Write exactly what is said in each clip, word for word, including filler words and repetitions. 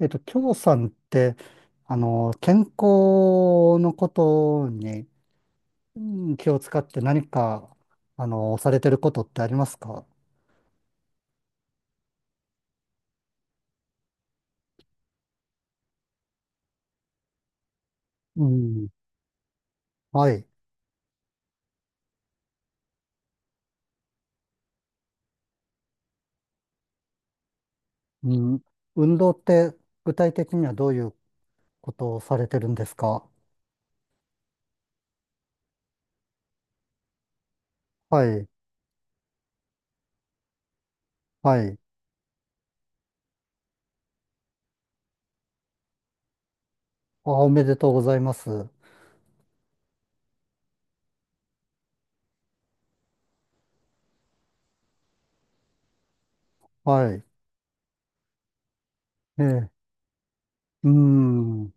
えっと、京さんって、あの、健康のことにうん気を使って何か、あの、されてることってありますか？うん。はい。うん。運動って具体的にはどういうことをされてるんですか？はい。はい。あ、おめでとうございます。はい。ええ。うん。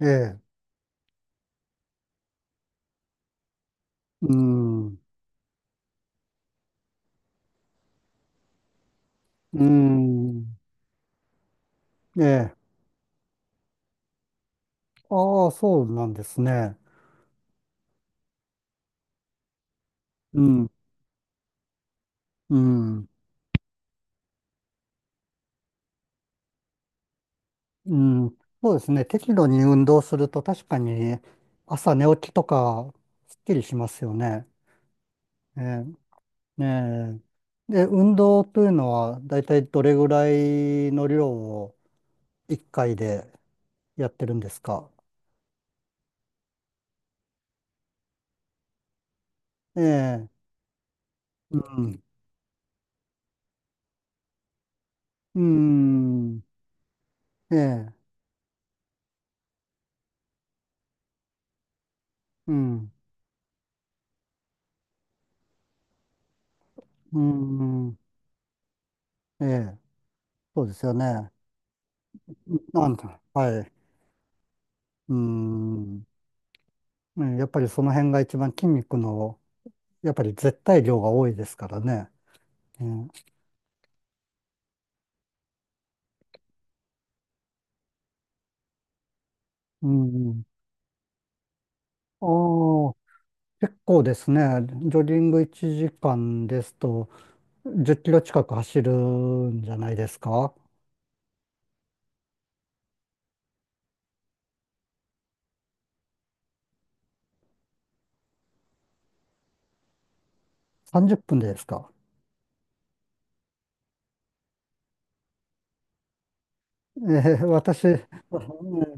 ええ。うん。うん。ええ。ああ、そうなんですね。うん。うん。うん、そうですね。適度に運動すると確かに朝寝起きとかすっきりしますよね。ええ。ねえ。で、運動というのはだいたいどれぐらいの量をいっかいでやってるんですか？ええ、うん、うん、ええ、うん、うん、ええ、そうですよね。なんだ、はい、うん、ね、やっぱりその辺が一番筋肉の、やっぱり絶対量が多いですからね。ね。うん。ああ、結構ですね。ジョギングいちじかんですと、じゅっキロ近く走るんじゃないですか？ さんじゅう 分でですか？えー、私、うん、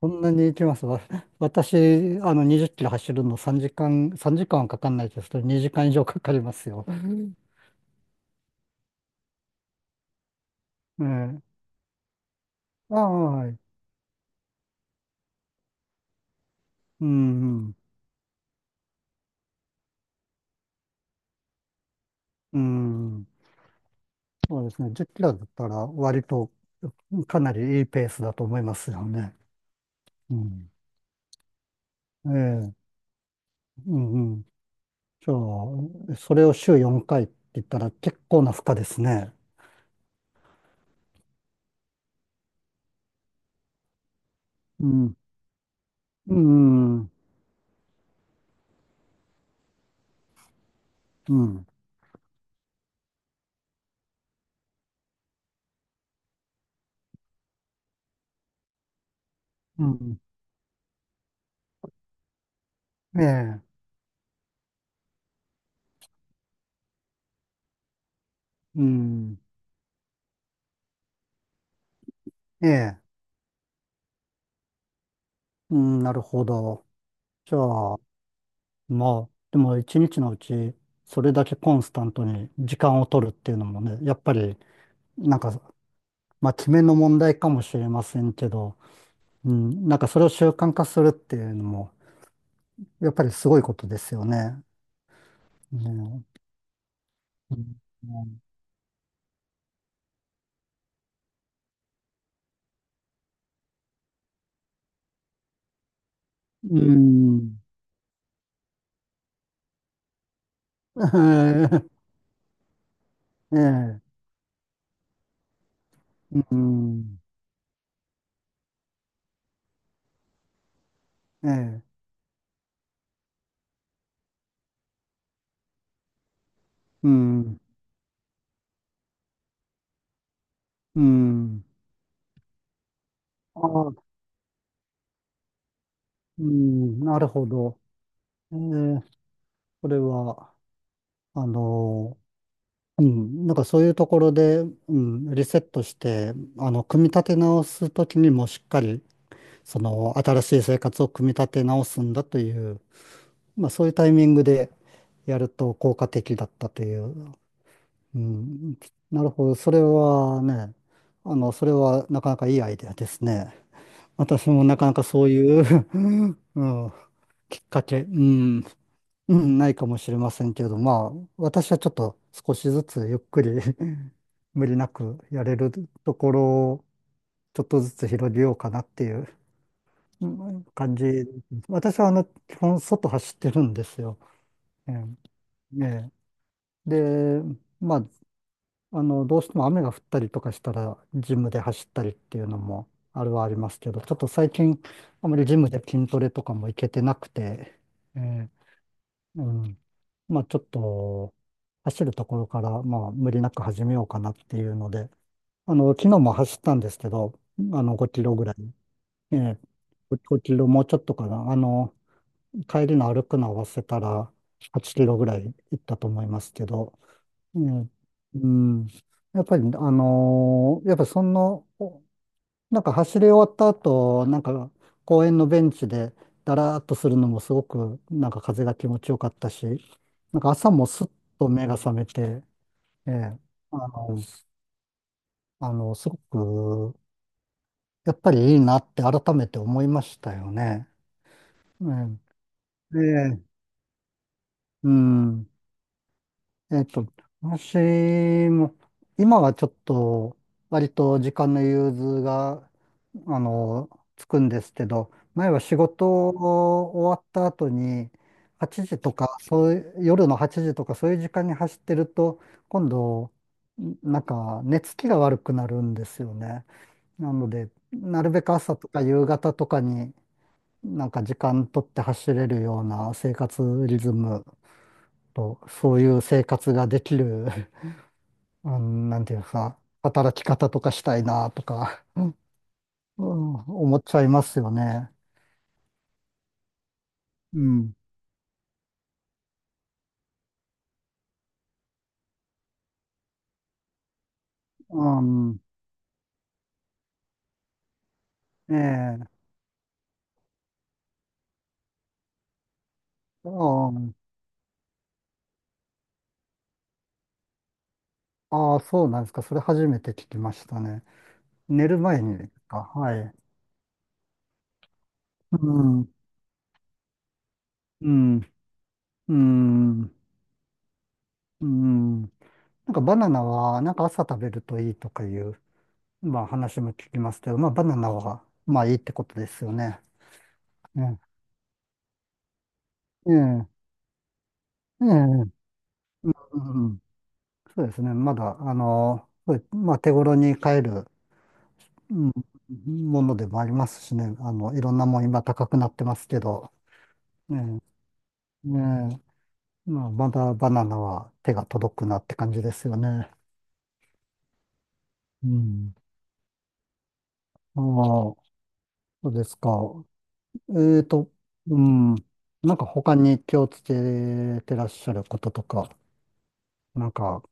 そんなに行きます。わ私、あの、にじゅっキロ走るのさんじかん、さんじかんはかかんないですけど、にじかん以上かかりますよ。ええ、ああ、はい。うん、うん、うん、そうですね。じゅっキロだったら割とかなりいいペースだと思いますよね。うん、ええ、うん、うん。じゃあ、それを週よんかいって言ったら結構な負荷ですね。うん、うん、うん、うん、うん。ええ、うん、ええ、うん、なるほど。じゃあ、まあ、でも一日のうち、それだけコンスタントに時間を取るっていうのもね、やっぱり、なんか、まあ、決めの問題かもしれませんけど、うん、なんかそれを習慣化するっていうのも、やっぱりすごいことですよね。ね。うんうん。ええ、うん、ええ、うん、うん。ああ、うん、なるほど。ええ、それは、あの、うん、なんかそういうところで、うん、リセットして、あの、組み立て直すときにもしっかり、その、新しい生活を組み立て直すんだという、まあそういうタイミングでやると効果的だったという。うん、なるほど。それはね、あの、それはなかなかいいアイデアですね。私もなかなかそういう うん、きっかけ、うん、うん、ないかもしれませんけれど、まあ、私はちょっと少しずつゆっくり 無理なくやれるところをちょっとずつ広げようかなっていううん感じ。私はあの、基本外走ってるんですよ。ええ、ええ。で、まあ、あの、どうしても雨が降ったりとかしたら、ジムで走ったりっていうのもあるはありますけど、ちょっと最近、あまりジムで筋トレとかも行けてなくて、えーうん、まあちょっと、走るところから、まあ無理なく始めようかなっていうので、あの、昨日も走ったんですけど、あの、ごキロぐらい、え5、ごキロもうちょっとかな、あの、帰りの歩くの合わせたら、はちキロぐらい行ったと思いますけど、ええ、うん。やっぱり、あのーやっぱその、おなんか走り終わった後、なんか公園のベンチでだらーっとするのもすごく、なんか風が気持ちよかったし、なんか朝もすっと目が覚めて、ええ、あの、あの、すごく、やっぱりいいなって改めて思いましたよね。ええ、ええ、うん。えっと、私も、今はちょっと、割と時間の融通が、あの、つくんですけど、前は仕事を終わった後に、はちじとか、そういう、夜のはちじとか、そういう時間に走ってると、今度、なんか、寝つきが悪くなるんですよね。なので、なるべく朝とか夕方とかに、なんか時間取って走れるような生活リズムと、そういう生活ができるうん、なんていうか、働き方とかしたいなとか、うん、思っちゃいますよね。うん。うん。ええ。うん。ああ、そうなんですか。それ初めて聞きましたね。寝る前にですか？はい。うん。うん。うん。うん。なんかバナナは、なんか朝食べるといいとかいう、まあ話も聞きますけど、まあバナナは、まあいいってことですよね。ね。ええ。ええ。うん。そうですね。まだ、あの、そう、まあ、手頃に買える、うんものでもありますしね。あの、いろんなもん今高くなってますけど、ねえ、ねえ、まあ、まだバナナは手が届くなって感じですよね。うん。ああ、そうですか。えっと、うん。なんか他に気をつけてらっしゃることとか、なんか、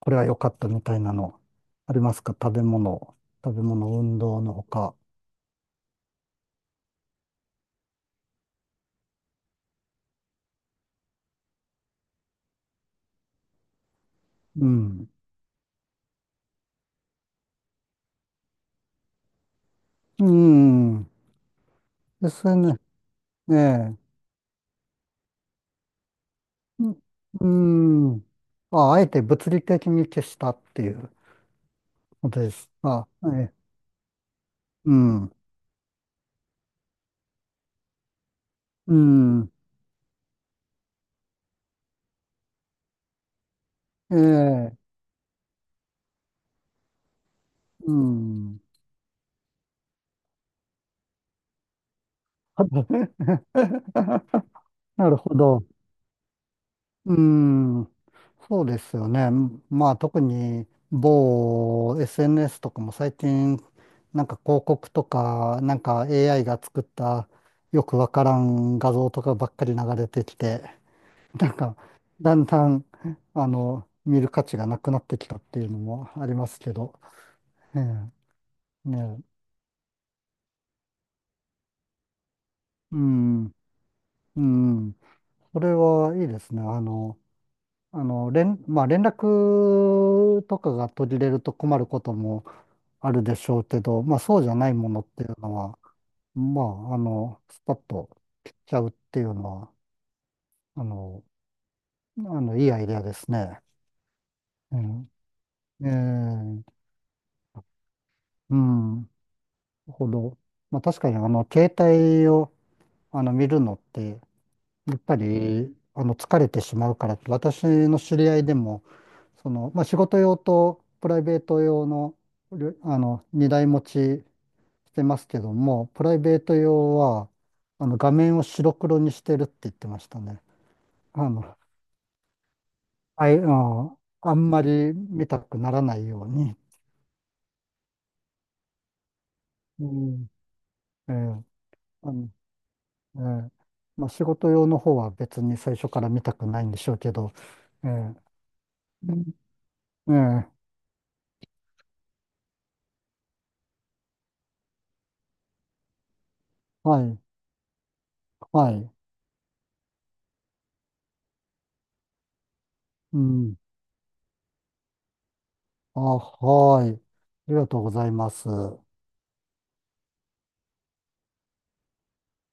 これは良かったみたいなの、ありますか？食べ物、食べ物、運動のほか。うん。うん。ですね。ええ。うん。うん。あ、あえて物理的に消したっていうことです。あ、ええ。うん。うん。ええ。うん。なるほど。うん。そうですよね。まあ特に某 エスエヌエス とかも最近なんか広告とかなんか エーアイ が作ったよくわからん画像とかばっかり流れてきて、なんか、だんだん、あの、見る価値がなくなってきたっていうのもありますけど、ええ、ねえ、うん、うん、それはいいですね。あの、あの、連、まあ、連絡とかが途切れると困ることもあるでしょうけど、まあ、そうじゃないものっていうのは、まあ、あの、スパッと切っちゃうっていうのは、あの、あの、いいアイデアですね。うん、ええ、うん、なるほど。まあ、確かに、あの、携帯を、あの、見るのって、やっぱり、あの、疲れてしまうからって、私の知り合いでも、その、まあ、仕事用とプライベート用の、りょあの、二台持ちしてますけども、プライベート用は、あの、画面を白黒にしてるって言ってましたね。あの、あい、あのあんまり見たくならないように。うん。ええ。あの、ええ、まあ、仕事用の方は別に最初から見たくないんでしょうけど、ええ、うん、ええ、はい、はい、うん、あ、はい、ありがとうございます。